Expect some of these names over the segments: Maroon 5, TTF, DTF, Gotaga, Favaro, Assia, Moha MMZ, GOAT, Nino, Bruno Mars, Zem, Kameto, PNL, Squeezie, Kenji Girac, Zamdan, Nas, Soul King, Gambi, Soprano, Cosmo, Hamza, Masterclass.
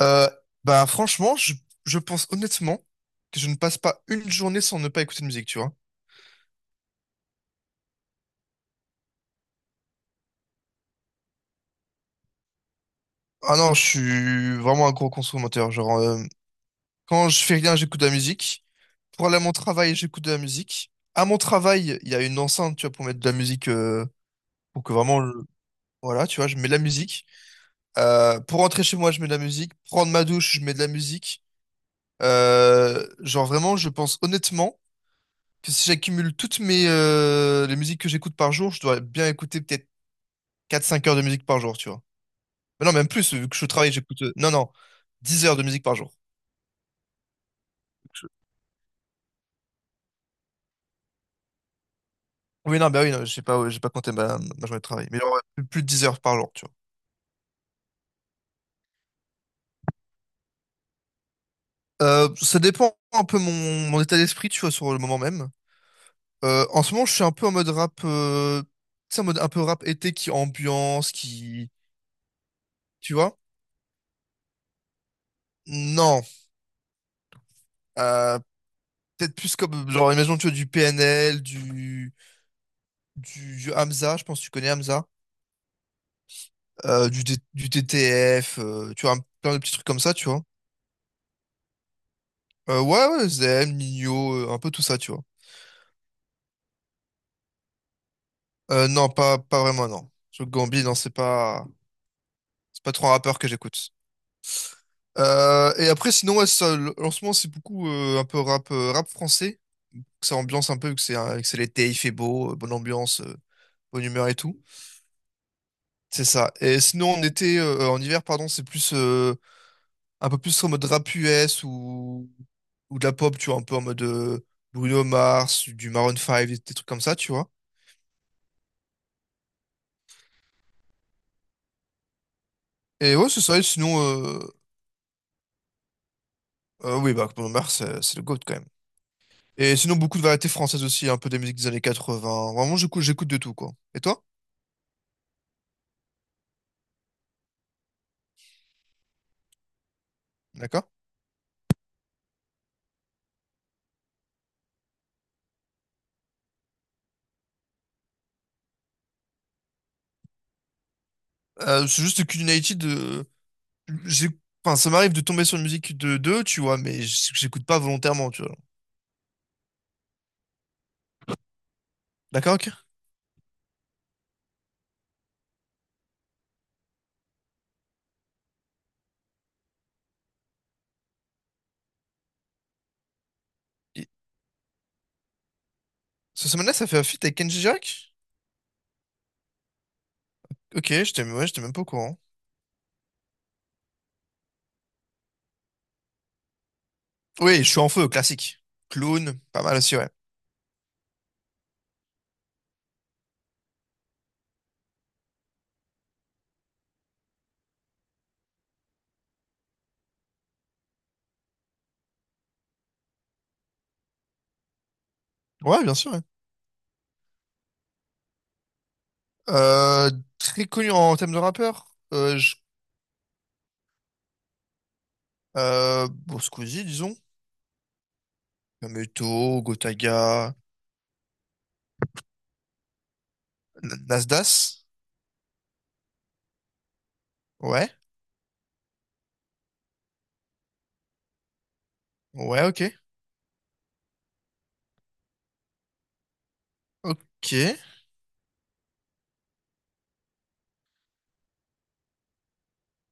Euh, Bah franchement, je pense honnêtement que je ne passe pas une journée sans ne pas écouter de musique, tu vois. Ah non, je suis vraiment un gros consommateur. Genre, quand je fais rien, j'écoute de la musique. Pour aller à mon travail, j'écoute de la musique. À mon travail, il y a une enceinte, tu vois, pour mettre de la musique. Pour que vraiment, voilà, tu vois, je mets de la musique. Pour rentrer chez moi, je mets de la musique. Prendre ma douche, je mets de la musique. Genre vraiment, je pense honnêtement que si j'accumule toutes mes les musiques que j'écoute par jour, je dois bien écouter peut-être 4-5 heures de musique par jour, tu vois. Mais non, même plus, vu que je travaille, j'écoute. Non, non, 10 heures de musique par jour. Je- Oui, non, bah oui, non, j'ai pas, ouais, j'ai pas compté ma journée de travail. Mais genre, ouais, plus de 10 heures par jour, tu vois. Ça dépend un peu mon état d'esprit, tu vois, sur le moment même. En ce moment, je suis un peu en mode rap, tu sais, en mode un peu rap été qui ambiance, qui, tu vois? Non, euh, peut-être plus comme, genre, imagine, tu vois, du PNL, du Hamza, je pense que tu connais Hamza. Du TTF, tu vois, plein de petits trucs comme ça, tu vois. Ouais, ouais, Zem, Nino, un peu tout ça, tu vois. Non, pas vraiment, non. Sur Gambi, non, c'est pas trop un rappeur que j'écoute. Et après, sinon, ouais, en ce moment, c'est beaucoup un peu rap, rap français. Que ça ambiance un peu, que c'est l'été, il fait beau, bonne ambiance, bonne humeur et tout. C'est ça. Et sinon, en été, en hiver, pardon, c'est plus, un peu plus en mode rap US ou de la pop, tu vois, un peu en mode, Bruno Mars, du Maroon 5, des trucs comme ça, tu vois. Et ouais, c'est ça, et sinon, oui, bah, Bruno Mars, c'est le GOAT quand même. Et sinon, beaucoup de variétés françaises aussi, un peu des musiques des années 80. Vraiment, j'écoute de tout, quoi. Et toi? D'accord? C'est juste que United, j'ai, enfin, ça m'arrive de tomber sur une musique de deux, tu vois, mais j'écoute pas volontairement, tu vois. D'accord, ok. Et- Cette semaine-là, ça fait un feat avec Kenji Girac? Ok, j'étais ouais, j'étais même pas au courant. Oui, je suis en feu, classique. Clown, pas mal aussi, ouais. Ouais, bien sûr, ouais. Euh, Très connu en thème de rappeur. Bon, Squeezie, disons. Kameto, Gotaga, Nas. Ouais, ouais, ok. Ok.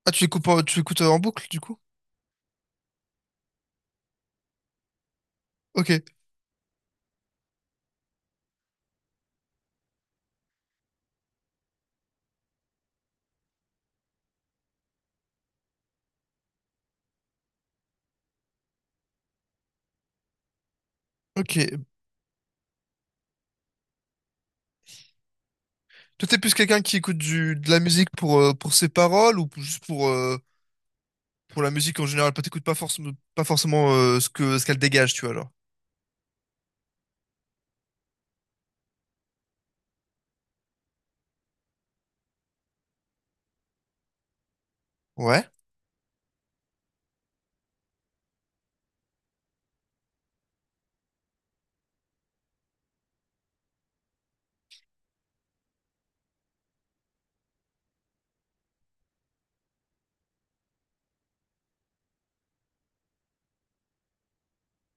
Ah, tu écoutes en boucle, du coup? Ok, ok. Toi, t'es plus quelqu'un qui écoute de la musique pour ses paroles ou juste pour la musique en général? Pas t'écoutes pas forcément, pas forcément, ce que, ce qu'elle dégage, tu vois, alors. Ouais,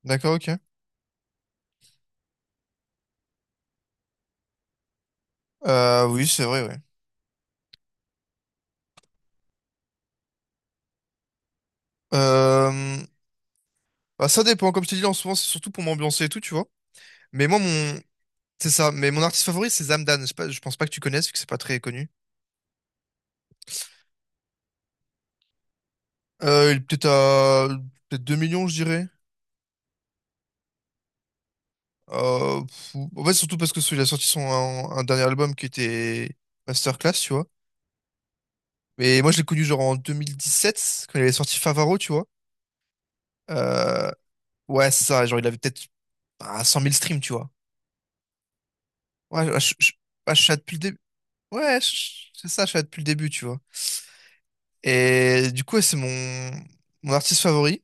d'accord, ok. Oui, c'est vrai, ouais. Euh, Bah, ça dépend. Comme je t'ai dit, en ce moment, c'est surtout pour m'ambiancer et tout, tu vois. Mais moi, c'est ça. Mais mon artiste favori, c'est Zamdan. Je pense pas que tu connaisses, vu que c'est pas très connu. Il est peut-être à... Peut-être 2 millions, je dirais. En fait, surtout parce que il a sorti un dernier album qui était Masterclass, tu vois. Mais moi, je l'ai connu genre en 2017 quand il avait sorti Favaro, tu vois. Euh, Ouais, c'est ça. Genre, il avait peut-être 100 000 streams, tu vois. Ouais, bah, je suis là depuis le début. Ouais, c'est ça, je suis là depuis le début, tu vois. Et du coup, ouais, c'est mon artiste favori.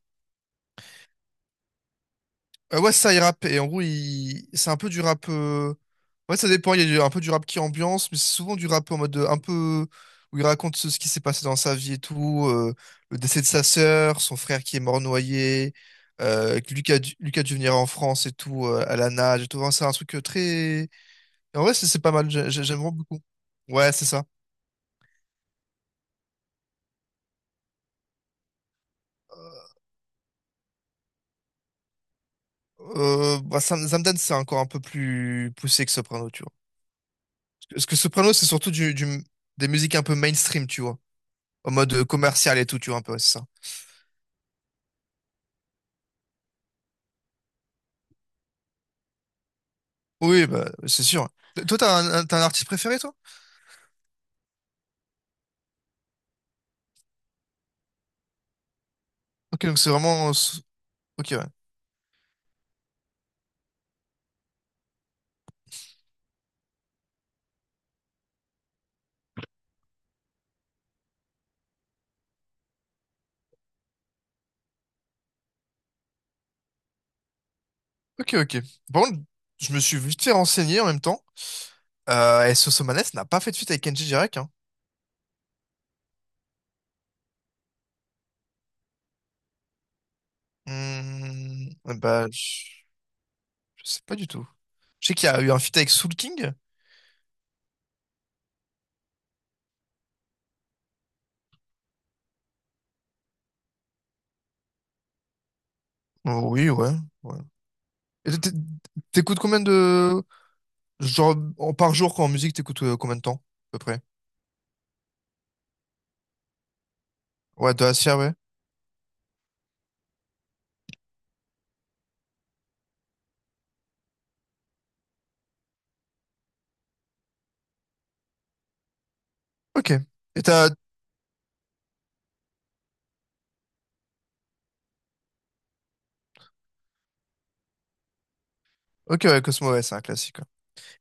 Ouais, ça, il rappe. Et en gros, c'est un peu du rap. Ouais, ça dépend. Il y a un peu du rap qui ambiance, mais c'est souvent du rap en mode, un peu. Où il raconte ce qui s'est passé dans sa vie et tout. Le décès de sa sœur, son frère qui est mort noyé. Que Lucas dû venir en France et tout, à la nage et tout. Enfin, c'est un truc, très. Et en vrai, c'est pas mal. J'aime vraiment beaucoup. Ouais, c'est ça. Zamdan, c'est encore un peu plus poussé que Soprano, tu vois. Parce que Soprano, c'est surtout des musiques un peu mainstream, tu vois. En mode, commercial et tout, tu vois, un peu, ouais, c'est ça. Oui, bah, c'est sûr. Toi, t'as un artiste préféré, toi? Ok, donc c'est vraiment. Ok, ouais. Ok, ok. Par contre, je me suis vite fait renseigner en même temps. Et Sosomanes n'a pas fait de feat avec Kenji Girac, hein. Hmm, bah, je sais pas du tout. Je sais qu'il y a eu un feat avec Soul King. Oh, oui, ouais. Ouais. Et t'é- t'é- T'écoutes combien de... Genre, par jour, quand en musique, t'écoutes combien de temps, à peu près? Ouais, de Assia, ouais. Ok. Et t'as... Ok, ouais, Cosmo, ouais, c'est un classique, quoi.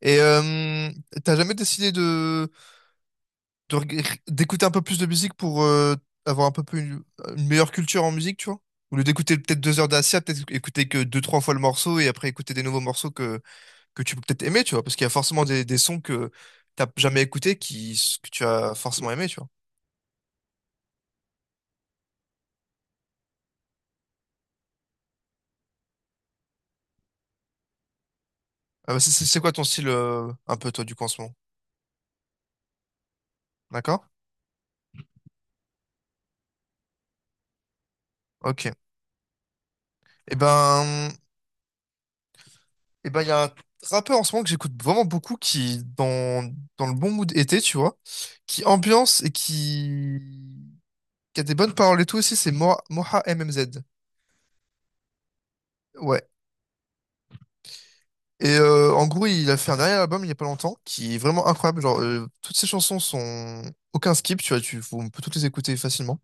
Et t'as jamais décidé d'écouter un peu plus de musique pour, avoir un peu plus une meilleure culture en musique, tu vois? Au lieu d'écouter peut-être 2 heures d'Assia, peut-être écouter que deux, trois fois le morceau et après écouter des nouveaux morceaux que tu peux peut-être aimer, tu vois? Parce qu'il y a forcément des sons que t'as jamais écoutés que tu as forcément aimé, tu vois? Ah bah, c'est quoi ton style, un peu, toi, du coup, en ce moment? D'accord? Ok. Eh ben, il y a un rappeur en ce moment que j'écoute vraiment beaucoup qui, est dans le bon mood été, tu vois, qui ambiance et qui a des bonnes paroles et tout aussi, c'est Moha MMZ. Ouais. En gros, il a fait un dernier album il y a pas longtemps qui est vraiment incroyable. Genre, toutes ses chansons sont aucun skip, tu vois, on peut toutes les écouter facilement.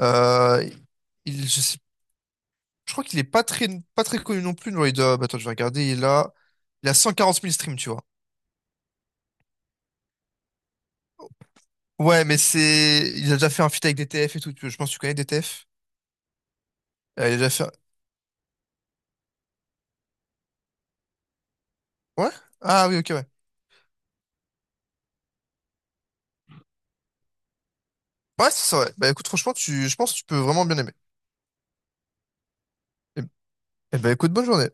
Euh, je sais, je crois qu'il est pas très, pas très connu non plus. Genre, il doit, bah, attends, je vais regarder. Il a 140 000 streams, tu vois. Ouais, mais c'est. Il a déjà fait un feat avec DTF et tout. Je pense que tu connais DTF. Il a déjà fait. Ouais? Ah oui, ok, ouais. Ouais, c'est ça, ouais. Bah écoute, franchement, je pense que tu peux vraiment bien aimer. Et... eh bah écoute, bonne journée.